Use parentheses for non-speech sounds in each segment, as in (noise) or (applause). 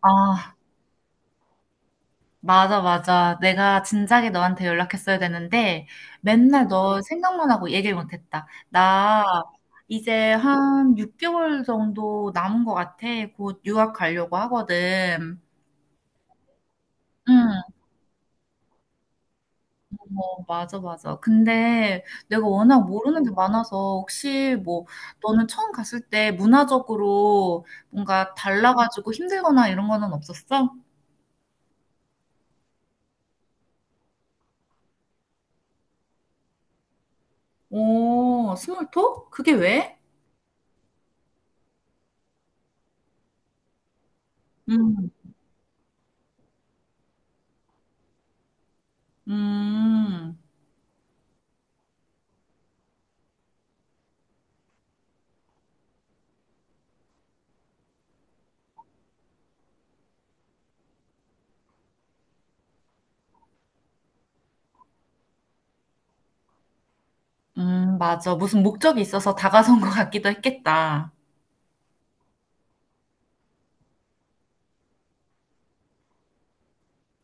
아, 맞아, 맞아. 내가 진작에 너한테 연락했어야 되는데, 맨날 너 생각만 하고 얘기를 못했다. 나 이제 한 6개월 정도 남은 것 같아. 곧 유학 가려고 하거든. 응, 어, 맞아, 맞아. 근데 내가 워낙 모르는 게 많아서, 혹시 뭐, 너는 처음 갔을 때 문화적으로 뭔가 달라가지고 힘들거나 이런 거는 없었어? 오, 스몰톡? 그게 왜? 음, 음. 맞아. 무슨 목적이 있어서 다가선 것 같기도 했겠다.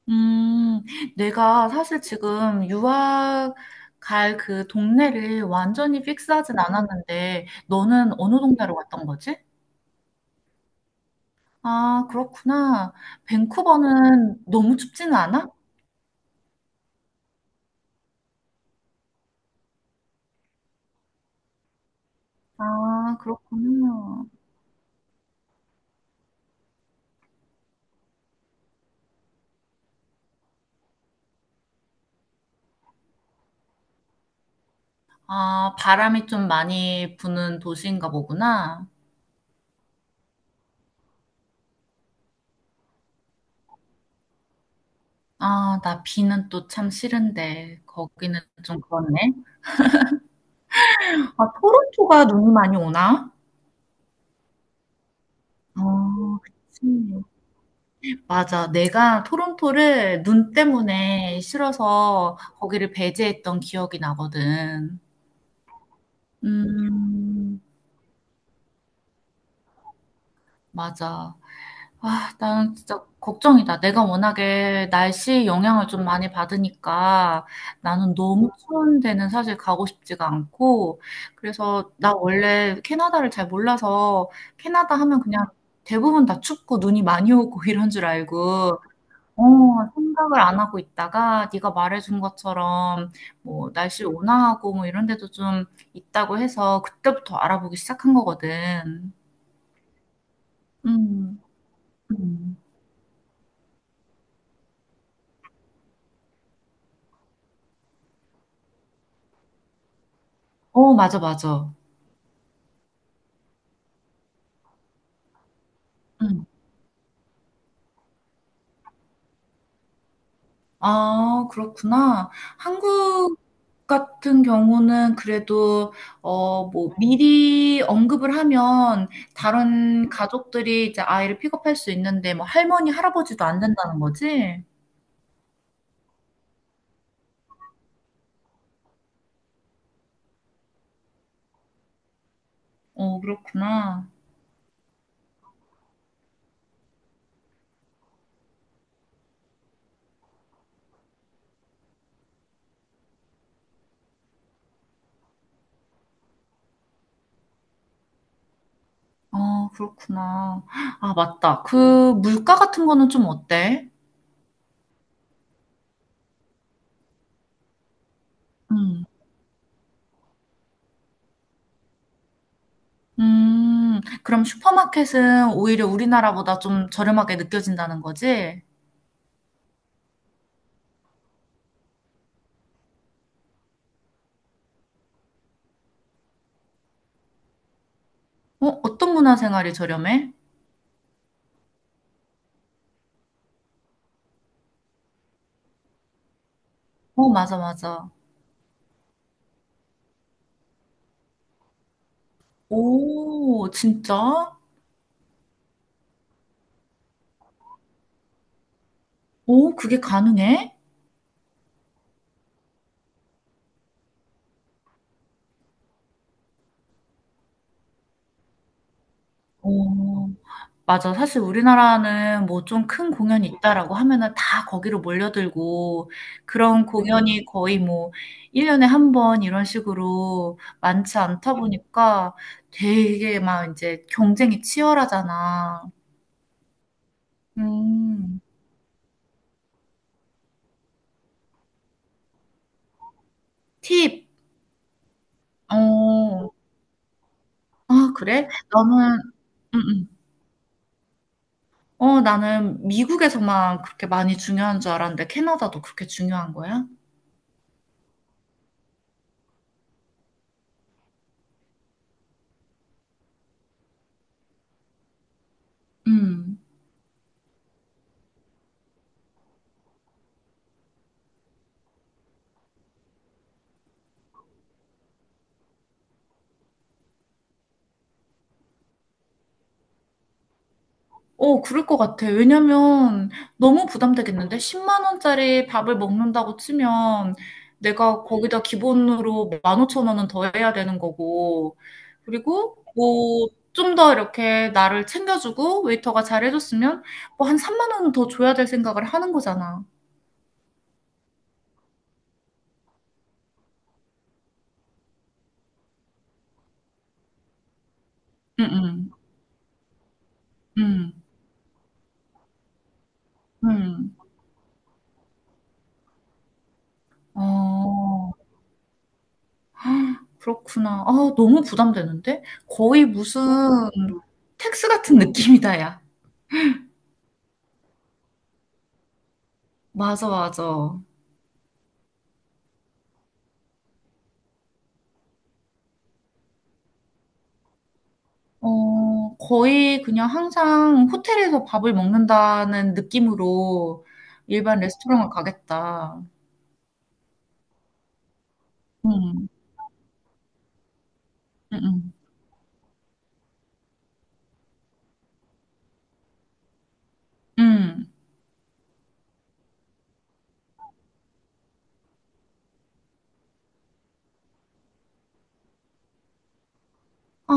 음, 내가 사실 지금 유학 갈 그 동네를 완전히 픽스하진 않았는데, 너는 어느 동네로 갔던 거지? 아, 그렇구나. 밴쿠버는 너무 춥지는 않아? 아, 그렇구나. 아, 바람이 좀 많이 부는 도시인가 보구나. 아, 나 비는 또 참 싫은데, 거기는 좀 그렇네. 아, 토론토가 눈이 많이 오나? 어, 그치. 맞아. 내가 토론토를 눈 때문에 싫어서 거기를 배제했던 기억이 나거든. 음, 맞아. 아, 나는 진짜 걱정이다. 내가 워낙에 날씨 영향을 좀 많이 받으니까 나는 너무 추운 데는 사실 가고 싶지가 않고, 그래서 나 원래 캐나다를 잘 몰라서 캐나다 하면 그냥 대부분 다 춥고 눈이 많이 오고 (laughs) 이런 줄 알고, 어, 생각을 안 하고 있다가 네가 말해준 것처럼 뭐 날씨 온화하고 뭐 이런 데도 좀 있다고 해서 그때부터 알아보기 시작한 거거든. 음, 음. 어, 맞아, 맞아. 음. 아, 그렇구나. 한국 같은 경우는 그래도 어, 뭐 미리 언급을 하면 다른 가족들이 이제 아이를 픽업할 수 있는데 뭐 할머니, 할아버지도 안 된다는 거지? 어, 그렇구나. 아, 그렇구나. 아, 맞다. 그 물가 같은 거는 좀 어때? 음. 그럼 슈퍼마켓은 오히려 우리나라보다 좀 저렴하게 느껴진다는 거지? 어, 어떤 문화생활이 저렴해? 어, 맞아, 맞아. 오, 진짜? 오, 그게 가능해? 오, 맞아. 사실 우리나라는 뭐 좀 큰 공연이 있다라고 하면은 다 거기로 몰려들고 그런 공연이 거의 뭐 1 년에 한 번 이런 식으로 많지 않다 보니까 되게 막 인제 경쟁이 치열하잖아. 음. 팁. 어. 아 그래? 나는 음음. 어 나는 미국에서만 그렇게 많이 중요한 줄 알았는데 캐나다도 그렇게 중요한 거야? 음. 어, 그럴 것 같아. 왜냐면 너무 부담되겠는데? 10만 원짜리 밥을 먹는다고 치면 내가 거기다 기본으로 15,000원은 더 해야 되는 거고. 그리고 뭐 좀 더 이렇게 나를 챙겨주고 웨이터가 잘 해줬으면 뭐 한 3만 원은 더 줘야 될 생각을 하는 거잖아. 응, 응, 응, 응. 어, 그렇구나. 아, 너무 부담되는데? 거의 무슨 텍스 같은 느낌이다, 야. 맞아, 맞아. 어, 거의 그냥 항상 호텔에서 밥을 먹는다는 느낌으로 일반 레스토랑을 가겠다. 음, 음, 음. 음. 아,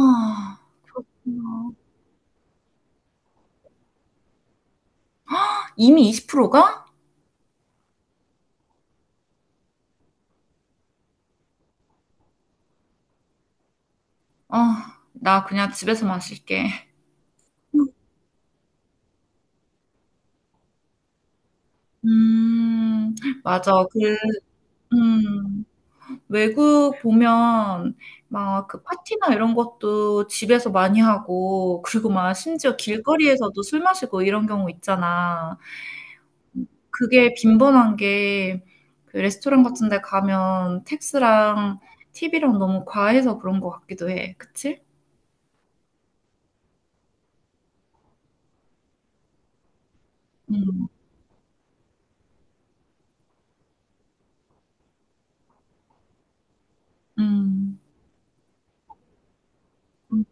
이미 20%가? 아, 나 그냥 집에서 마실게. 음, 맞아. 그, 음, 외국 보면 막 그 파티나 이런 것도 집에서 많이 하고, 그리고 막 심지어 길거리에서도 술 마시고 이런 경우 있잖아. 그게 빈번한 게 그 레스토랑 같은 데 가면 텍스랑 팁이랑 너무 과해서 그런 것 같기도 해. 그치? 음. 음. 음.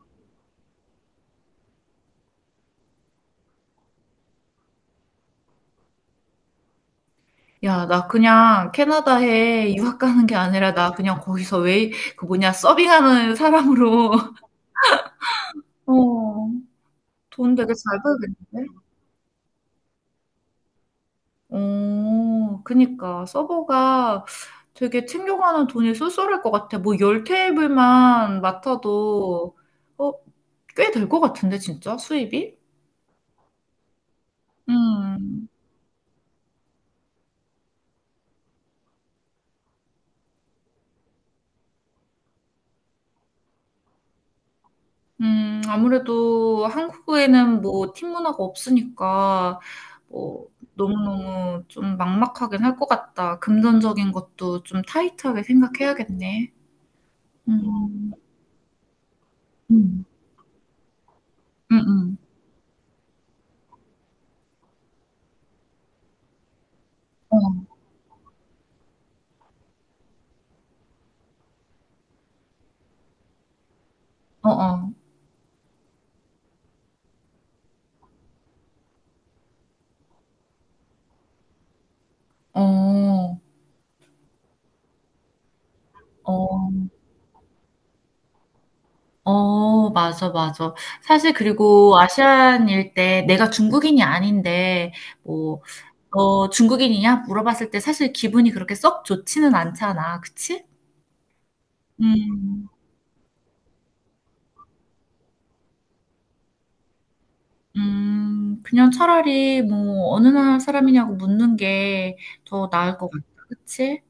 야, 나 그냥 캐나다에 유학 가는 게 아니라 나 그냥 거기서 웨이 그 뭐냐 서빙하는 사람으로. 어. 돈 되게 잘 벌겠는데? 어, 그니까 서버가 되게 챙겨가는 돈이 쏠쏠할 것 같아. 뭐 열 테이블만 맡아도 어, 꽤 될 것 같은데 진짜 수입이? 음, 아무래도 한국에는 뭐 팀 문화가 없으니까 뭐 너무너무 좀 막막하긴 할 것 같다. 금전적인 것도 좀 타이트하게 생각해야겠네. 음, 음, 음, 음. 어, 어, 어, 어. 어. 어 맞아, 맞아. 사실 그리고 아시안일 때 내가 중국인이 아닌데 뭐 "너 중국인이냐?" 물어봤을 때 사실 기분이 그렇게 썩 좋지는 않잖아. 그치? 음. 음. 그냥 차라리 뭐 "어느 나라 사람이냐."고 묻는 게 더 나을 것 같다. 그치?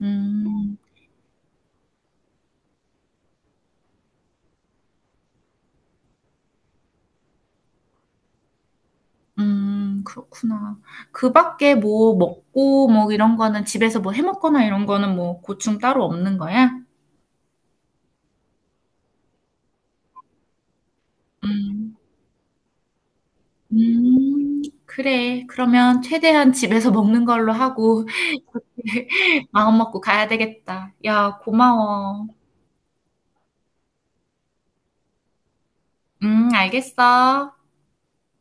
음. 음. 그렇구나. 그 밖에 뭐 먹고 뭐 이런 거는 집에서 뭐 해 먹거나 이런 거는 뭐 고충 따로 없는 거야? 음. 그래. 그러면 최대한 집에서 먹는 걸로 하고 (laughs) 마음 먹고 가야 되겠다. 야, 고마워. 알겠어.